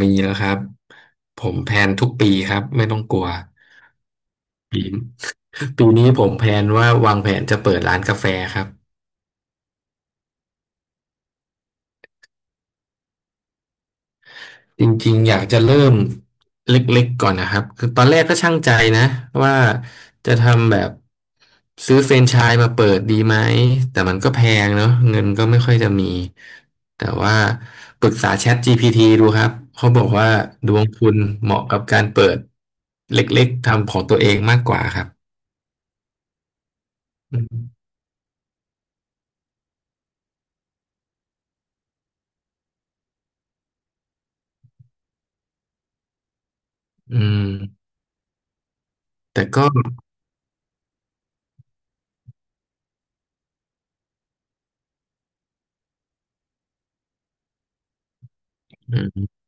มีแล้วครับผมแพลนทุกปีครับไม่ต้องกลัวปีปีนี้ผมแพลนว่าวางแผนจะเปิดร้านกาแฟครับจริงๆอยากจะเริ่มเล็กๆก่อนนะครับคือตอนแรกก็ช่างใจนะว่าจะทำแบบซื้อแฟรนไชส์มาเปิดดีไหมแต่มันก็แพงเนอะเงินก็ไม่ค่อยจะมีแต่ว่าปรึกษา ChatGPT ดูครับเขาบอกว่าดวงคุณเหมาะกับการเปิดเล็กๆทำของตัวเองมากกว่าครับอืมอืม แต่ก็อืม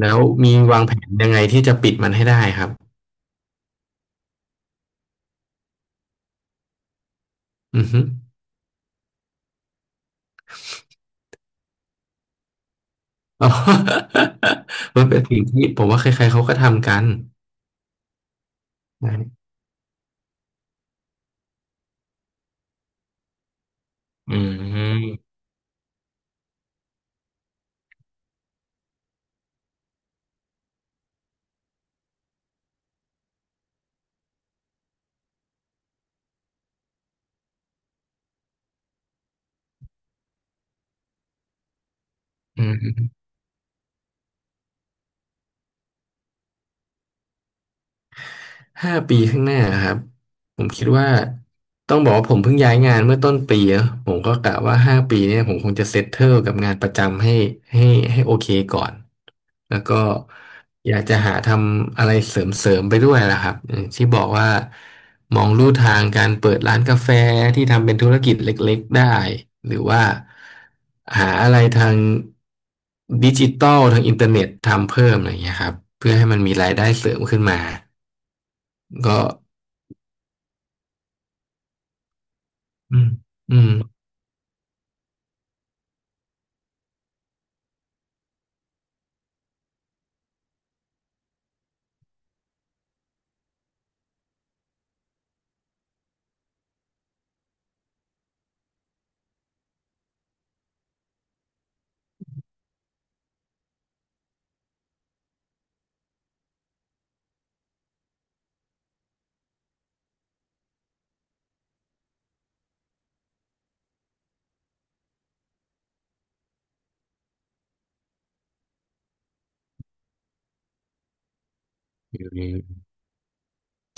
แล้วมีวางแผนยังไงที่จะปิดมันให้ได้ครับอือฮึ อ๋อ มันเป็นสิ่งที่ผมว่าใครๆเขาก็ทำกันนะอืมอืมห้าปีข้างหน้าครับผมคิดว่าต้องบอกว่าผมเพิ่งย้ายงานเมื่อต้นปีเนอะผมก็กะว่าห้าปีเนี่ยผมคงจะเซตเทิลกับงานประจำให้ให้โอเคก่อน แล้วก็อยากจะหาทำอะไรเสริมๆไปด้วยล่ะครับอมที่บอกว่ามองลู่ทางการเปิดร้านกาแฟที่ทำเป็นธุรกิจเล็กๆได้หรือว่าหาอะไรทางดิจิตอลทางอินเทอร์เน็ตทำเพิ่มอะไรอย่างเงี้ยครับเพื่อให้มันมีรายได้เสริมขึ้นมาก็อืมอืม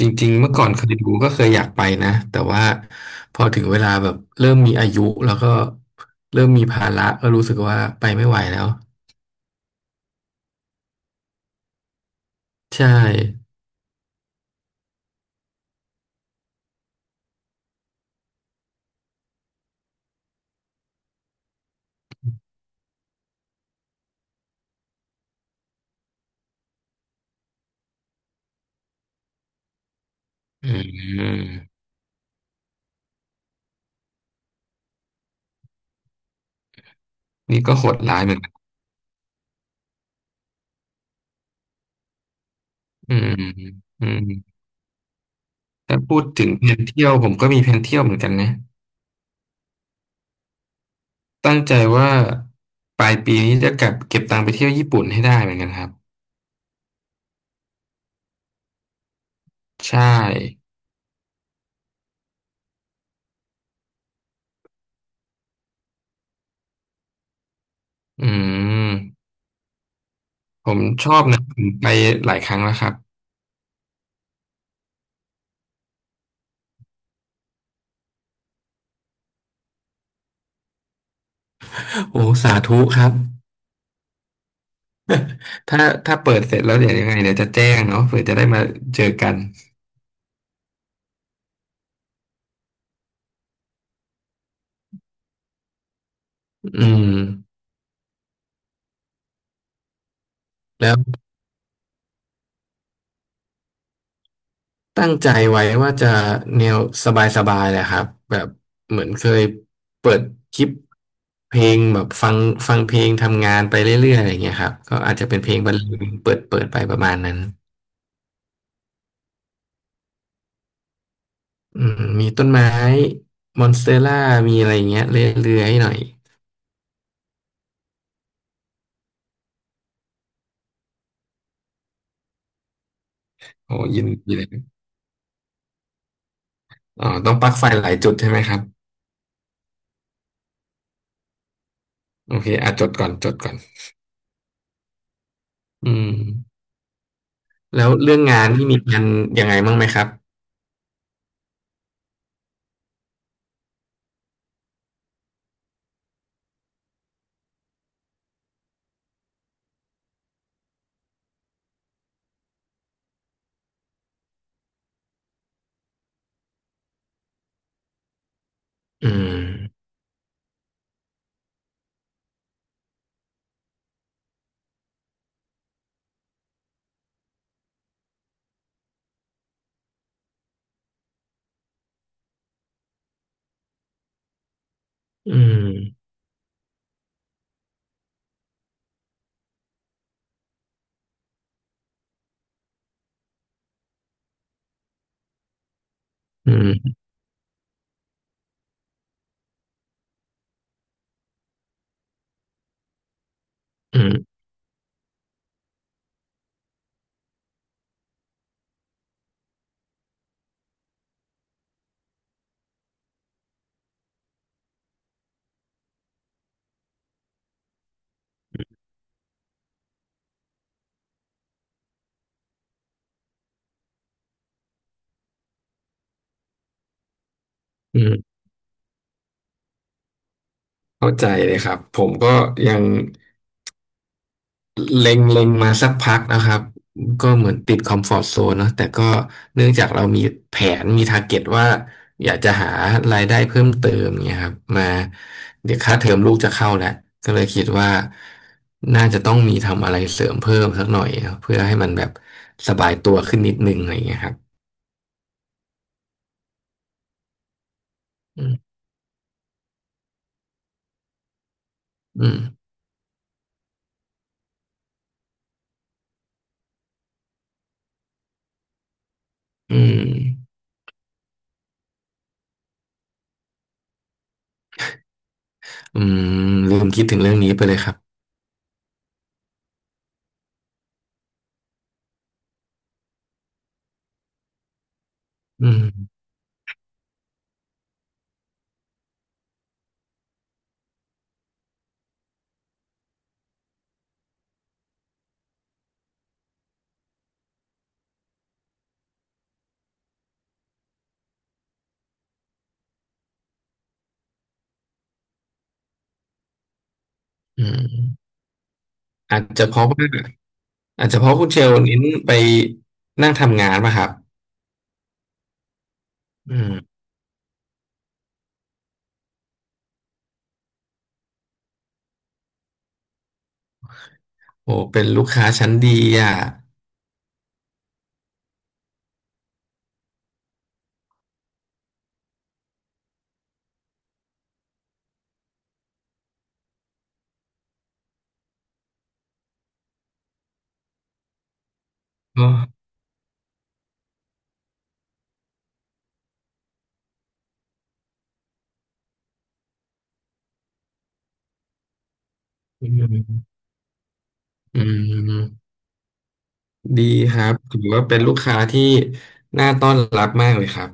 จริงๆเมื่อก่อนเคยดูก็เคยอยากไปนะแต่ว่าพอถึงเวลาแบบเริ่มมีอายุแล้วก็เริ่มมีภาระก็รู้สึกว่าไปไม่ไหวแล้วใช่อืมนี่ก็โหดร้ายเหมือนกันอืมอืมถ้าพูดถึงแผนเที่ยวผมก็มีแผนเที่ยวเหมือนกันนะตั้งใจว่าปลายปีนี้จะกลับเก็บตังค์ไปเที่ยวญี่ปุ่นให้ได้เหมือนกันครับใช่อืมผมชอบนะผมไปหลายครั้งแล้วครับโอ้สาธุครับ ถ้าถ้าเปิดเสร็จแล้วเดี๋ยวยังไงเดี๋ยวจะแจ้งเนาะเผื่อจะได้มาเจอกันอืมแล้วตั้งใจไว้ว่าจะแนวสบายๆแหละครับแบบเหมือนเคยเปิดคลิปเพลงแบบฟังเพลงทำงานไปเรื่อยๆอะไรอย่างเงี้ยครับก็อาจจะเป็นเพลงบรรเลงเปิดไปประมาณนั้นอืมมีต้นไม้มอนสเตอร่ามีอะไรอย่างเงี้ยเรื่อยๆหน่อยโอ้ยินดีเลยอ๋อต้องปลั๊กไฟหลายจุดใช่ไหมครับโอเคอ่ะจดก่อนจดก่อนอืม แล้วเรื่องงานที่มีกันยังไงบ้างไหมครับอืมอืม อืม อืม อืม เข้าใจเลยครับ ผมก็ยังเล็งมาสักพักนะครับ ก็เหมือนติดคอมฟอร์ z โซนเนอะแต่ก็เนื่องจากเรามีแผนมี t า r g เก็ตว่าอยากจะหารายได้เพิ่มเติมเนี่ยครับมาเดี๋ยวค่าเทอมลูกจะเข้าแล้วก็เลยคิดว่าน่าจะต้องมีทำอะไรเสริมเพิ่มสักหน่อยครับเพื่อให้มันแบบสบายตัวขึ้นนิดนึงอะไรอย่างเงี้ยครับอืมอืม อืมอืมลืมคิดถึงเรื่องนี้ไปเลยครับอืมอืมอาจจะเพราะว่าอาจจะเพราะคุณเชลเน้นไปนั่งทำงานมาครับอืมโอ้เป็นลูกค้าชั้นดีอ่ะอ๋ออืมอืมดีครับถือว่าเป็นลูกค้าที่น่าต้อนรับมากเลยครับ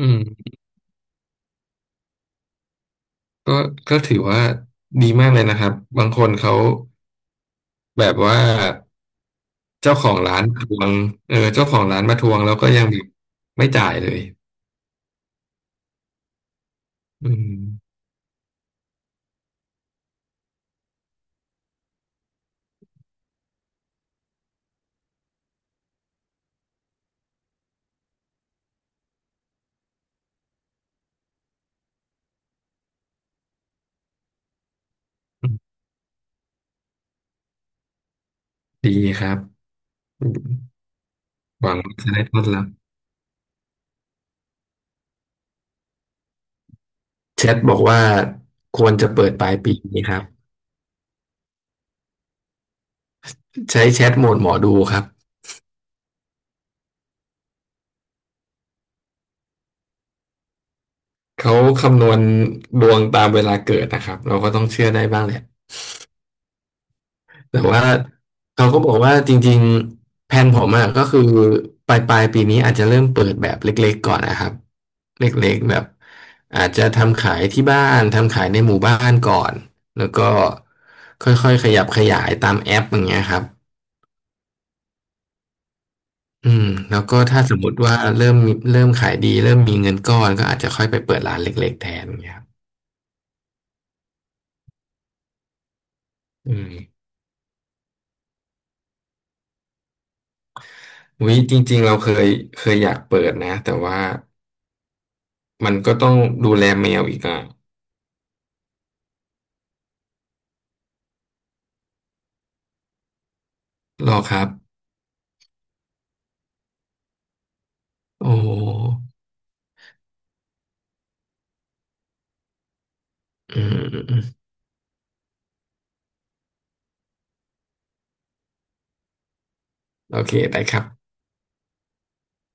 อืมก็ก็ถือว่าดีมากเลยนะครับบางคนเขาแบบว่าเจ้าของร้านมาทวงเออเจ้าของร้านมาทวงแล้วก็ยังแบบไม่จ่ายเลย อืมอืมดีครับหวังว่าจะได้ต้อนรับแชทบอกว่าควรจะเปิดปลายปีนี้ครับใช้แชทโหมดหมอดูครับเขาคำนวณดวงตามเวลาเกิดนะครับเราก็ต้องเชื่อได้บ้างแหละแต่ว่าเขาก็บอกว่าจริงๆแผนผมอะก็คือปลายปีนี้อาจจะเริ่มเปิดแบบเล็กๆก่อนนะครับเล็กๆแบบอาจจะทำขายที่บ้านทำขายในหมู่บ้านก่อนแล้วก็ค่อยๆขยับขยายตามแอปอย่างเงี้ยครับ อืมแล้วก็ถ้าสมมติว่าเริ่มมีเริ่มขายดีเริ่มมีเงินก้อนก็อาจจะค่อยไปเปิดร้านเล็กๆแทนอย่างเงี้ยครับอืมวิจริงๆเราเคยอยากเปิดนะแต่ว่ามันก็ต้องดูแลแมวอีกอ่ะรอครับโอ้อืมอืมอืมโอเคได้ครับ